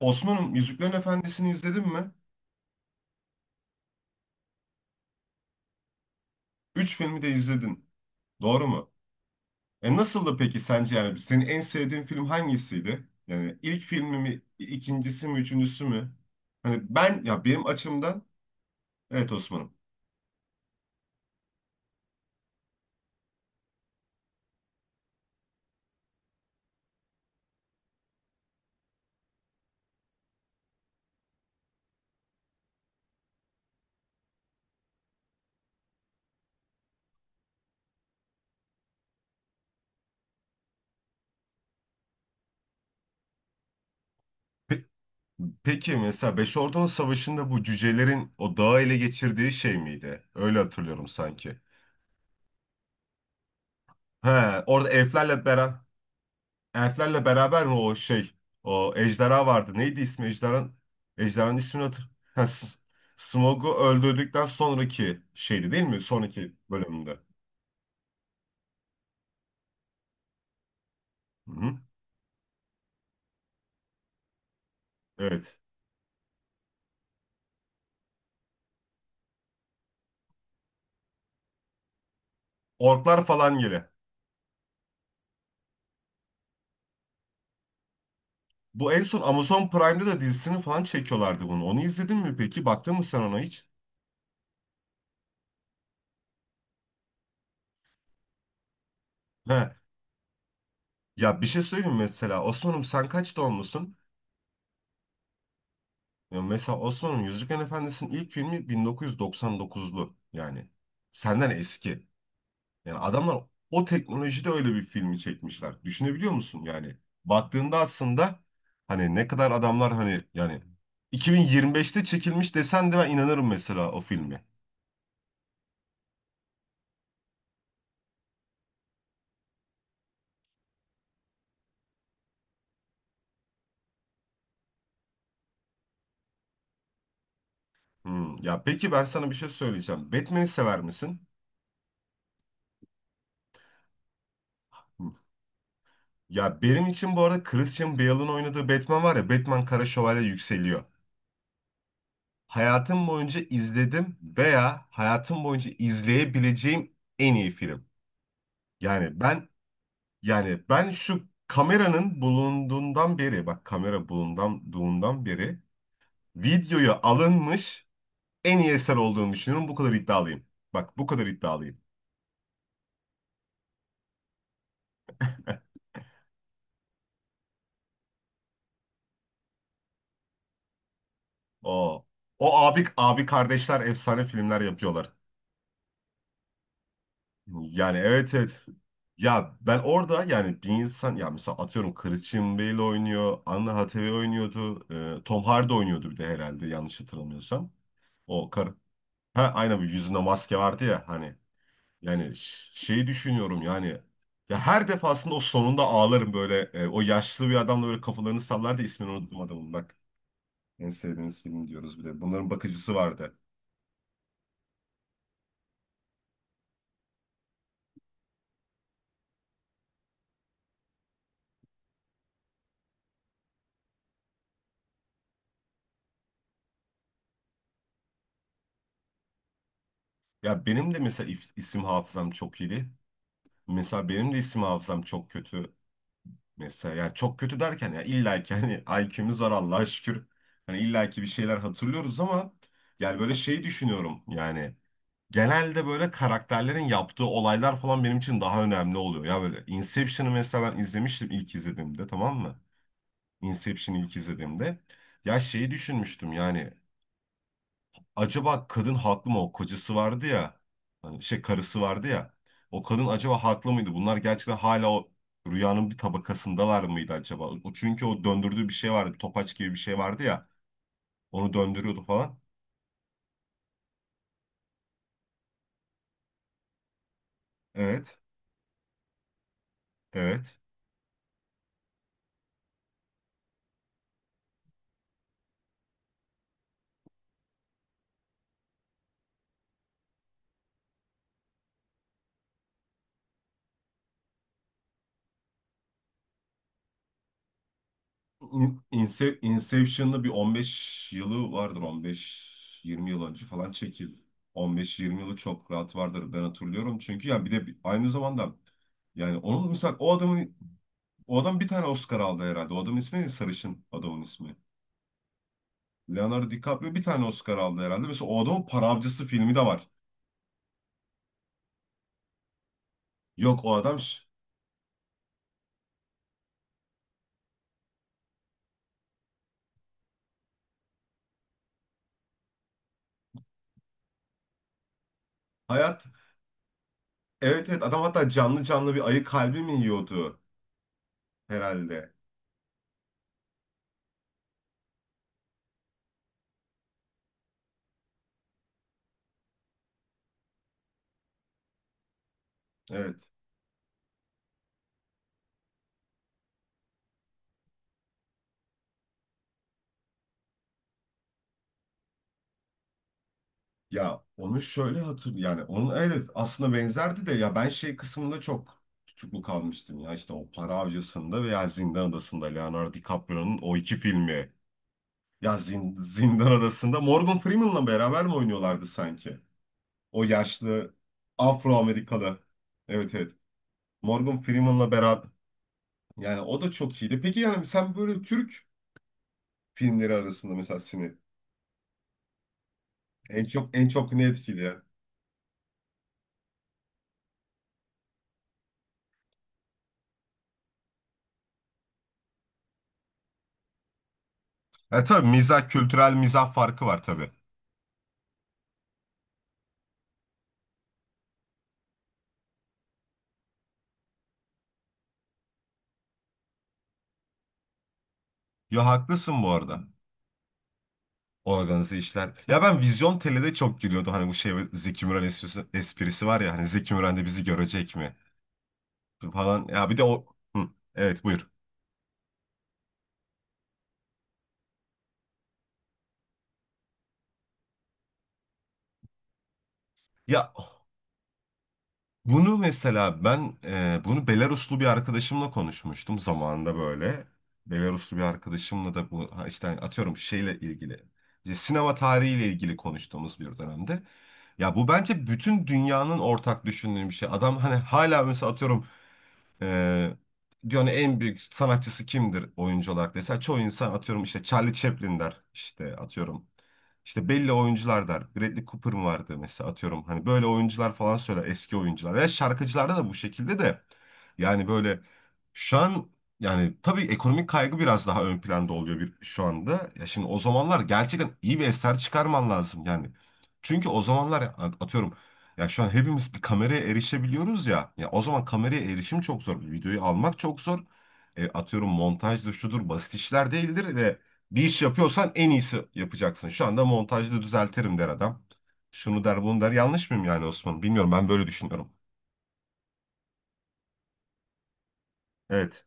Osman'ım Yüzüklerin Efendisi'ni izledin mi? Üç filmi de izledin. Doğru mu? E nasıldı peki sence yani senin en sevdiğin film hangisiydi? Yani ilk filmi mi, ikincisi mi, üçüncüsü mü? Hani ben ya benim açımdan evet Osman'ım. Pe- peki mesela Beş Ordunun Savaşı'nda bu cücelerin o dağı ele geçirdiği şey miydi? Öyle hatırlıyorum sanki. He, orada elflerle beraber o ejderha vardı. Neydi ismi ejderhan? Ejderhanın ismini hatır. Ha, Smog'u öldürdükten sonraki şeydi değil mi? Sonraki bölümünde. Hı-hı. Evet. Orklar falan gele. Bu en son Amazon Prime'da da dizisini falan çekiyorlardı bunu. Onu izledin mi peki? Baktın mı sen ona hiç? He. Ya bir şey söyleyeyim mi mesela. Osman'ım sen kaç doğumlusun? Ya mesela Osman'ım Yüzüklerin Efendisi'nin ilk filmi 1999'lu yani. Senden eski. Yani adamlar o teknolojide öyle bir filmi çekmişler. Düşünebiliyor musun yani? Baktığında aslında hani ne kadar adamlar hani yani 2025'te çekilmiş desen de ben inanırım mesela o filme. Hmm. Ya peki ben sana bir şey söyleyeceğim. Batman'i sever misin? Hmm. Ya benim için bu arada Christian Bale'ın oynadığı Batman var ya Batman Kara Şövalye yükseliyor. Hayatım boyunca izledim veya hayatım boyunca izleyebileceğim en iyi film. Yani ben Yani ben şu kameranın bulunduğundan beri, bak kamera bulunduğundan beri videoya alınmış en iyi eser olduğunu düşünüyorum. Bu kadar iddialıyım. Bak bu kadar iddialıyım. O o abi kardeşler efsane filmler yapıyorlar. Yani evet evet. Ya ben orada yani bir insan ya mesela atıyorum Christian Bale oynuyor, Anna Hathaway oynuyordu, Tom Hardy oynuyordu bir de herhalde yanlış hatırlamıyorsam. O kar Ha, aynen, bu yüzünde maske vardı ya hani. Yani şeyi düşünüyorum yani ya her defasında o sonunda ağlarım böyle o yaşlı bir adamla böyle kafalarını sallar da ismini unuttum adamın bak en sevdiğimiz film diyoruz bir de bunların bakıcısı vardı. Ya benim de mesela isim hafızam çok iyiydi. Mesela benim de isim hafızam çok kötü. Mesela yani çok kötü derken ya illa ki hani IQ'muz var Allah'a şükür. Hani illa ki bir şeyler hatırlıyoruz ama yani böyle şey düşünüyorum yani genelde böyle karakterlerin yaptığı olaylar falan benim için daha önemli oluyor. Ya böyle Inception'ı mesela ben izlemiştim ilk izlediğimde tamam mı? Inception'ı ilk izlediğimde. Ya şeyi düşünmüştüm yani acaba kadın haklı mı o kocası vardı ya hani şey karısı vardı ya o kadın acaba haklı mıydı? Bunlar gerçekten hala o rüyanın bir tabakasındalar mıydı acaba? O çünkü o döndürdüğü bir şey vardı. Bir topaç gibi bir şey vardı ya. Onu döndürüyordu falan. Evet. Evet. Inception'da bir 15 yılı vardır 15-20 yıl önce falan çekil. 15-20 yılı çok rahat vardır ben hatırlıyorum. Çünkü ya bir de aynı zamanda yani onun mesela o adam bir tane Oscar aldı herhalde. O adamın ismi ne? Sarışın adamın ismi. Leonardo DiCaprio bir tane Oscar aldı herhalde. Mesela o adamın Para Avcısı filmi de var. Yok o adam hayat, evet, evet, adam hatta canlı canlı bir ayı kalbi mi yiyordu herhalde. Evet. Ya onu şöyle hatır yani onun evet aslında benzerdi de ya ben şey kısmında çok tutuklu kalmıştım ya işte o Para Avcısı'nda veya Zindan Adası'nda Leonardo DiCaprio'nun o iki filmi. Ya Zindan Adası'nda Morgan Freeman'la beraber mi oynuyorlardı sanki? O yaşlı Afro-Amerikalı. Evet evet. Morgan Freeman'la beraber yani o da çok iyiydi. Peki yani sen böyle Türk filmleri arasında mesela seni en çok en çok ne etkiliyor? E tabii mizah kültürel mizah farkı var tabii. Ya haklısın bu arada. Organize işler. Ya ben Vizyon Tele'de çok gülüyordum. Hani bu şey Zeki Müren esprisi, esprisi var ya. Hani Zeki Müren de bizi görecek mi? Falan. Ya bir de o... Hı, evet buyur. Ya bunu mesela ben bunu Belaruslu bir arkadaşımla konuşmuştum zamanında böyle. Belaruslu bir arkadaşımla da bu ha işte hani atıyorum şeyle ilgili. İşte sinema tarihiyle ilgili konuştuğumuz bir dönemde. Ya bu bence bütün dünyanın ortak düşündüğü bir şey. Adam hani hala mesela atıyorum Ee, dünyanın en büyük sanatçısı kimdir oyuncu olarak dese çoğu insan atıyorum işte Charlie Chaplin der işte atıyorum işte belli oyuncular der Bradley Cooper mı vardı mesela atıyorum hani böyle oyuncular falan söyler eski oyuncular veya şarkıcılarda da bu şekilde de yani böyle şu an yani tabii ekonomik kaygı biraz daha ön planda oluyor bir şu anda ya şimdi o zamanlar gerçekten iyi bir eser çıkarman lazım yani çünkü o zamanlar atıyorum ya şu an hepimiz bir kameraya erişebiliyoruz ya. Ya o zaman kameraya erişim çok zor. Videoyu almak çok zor. Atıyorum montajdır şudur basit işler değildir ve bir iş yapıyorsan en iyisi yapacaksın. Şu anda montajda düzeltirim der adam. Şunu der bunu der. Yanlış mıyım yani Osman? Bilmiyorum ben böyle düşünüyorum. Evet.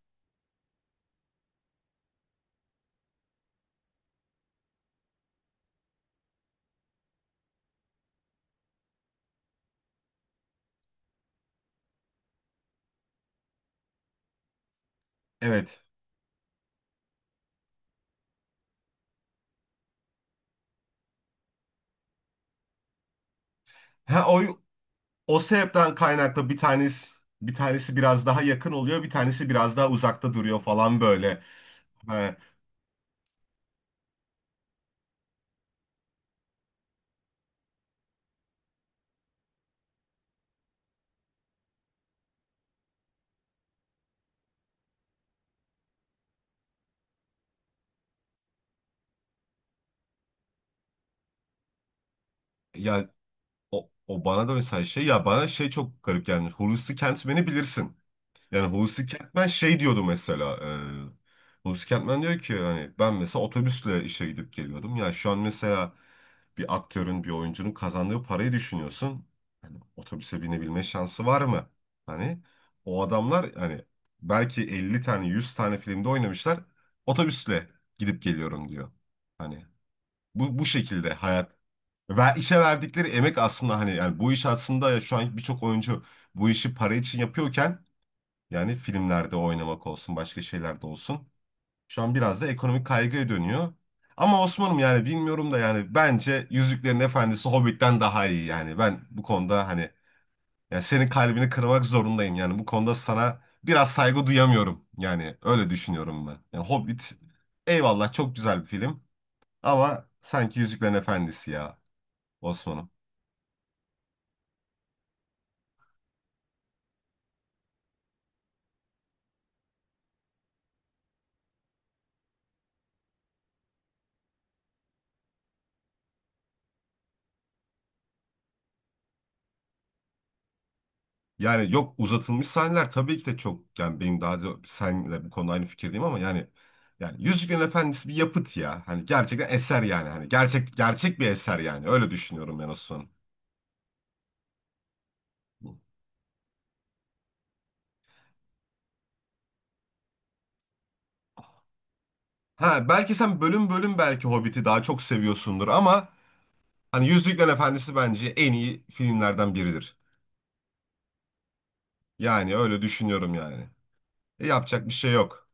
Evet. Ha o sebepten kaynaklı bir tanesi biraz daha yakın oluyor, bir tanesi biraz daha uzakta duruyor falan böyle. Ha, ya O bana da mesela şey ya bana şey çok garip gelmiş. Hulusi Kentmen'i bilirsin. Yani Hulusi Kentmen şey diyordu mesela. Hulusi Kentmen diyor ki hani ben mesela otobüsle işe gidip geliyordum. Ya şu an mesela bir aktörün bir oyuncunun kazandığı parayı düşünüyorsun. Hani otobüse binebilme şansı var mı? Hani o adamlar hani belki 50 tane 100 tane filmde oynamışlar. Otobüsle gidip geliyorum diyor. Hani bu şekilde hayat ve işe verdikleri emek aslında hani yani bu iş aslında ya şu an birçok oyuncu bu işi para için yapıyorken yani filmlerde oynamak olsun başka şeylerde olsun şu an biraz da ekonomik kaygıya dönüyor. Ama Osman'ım yani bilmiyorum da yani bence Yüzüklerin Efendisi Hobbit'ten daha iyi yani ben bu konuda hani yani senin kalbini kırmak zorundayım yani bu konuda sana biraz saygı duyamıyorum yani öyle düşünüyorum ben. Yani Hobbit eyvallah çok güzel bir film ama sanki Yüzüklerin Efendisi ya Osman'ım. Yani yok uzatılmış sahneler tabii ki de çok yani benim daha da senle bu konuda aynı fikirdeyim ama yani Yüzüklerin Efendisi bir yapıt ya. Hani gerçekten eser yani. Hani gerçek gerçek bir eser yani. Öyle düşünüyorum ben Osman. Ha belki sen bölüm bölüm belki Hobbit'i daha çok seviyorsundur ama hani Yüzüklerin Efendisi bence en iyi filmlerden biridir. Yani öyle düşünüyorum yani. E, yapacak bir şey yok.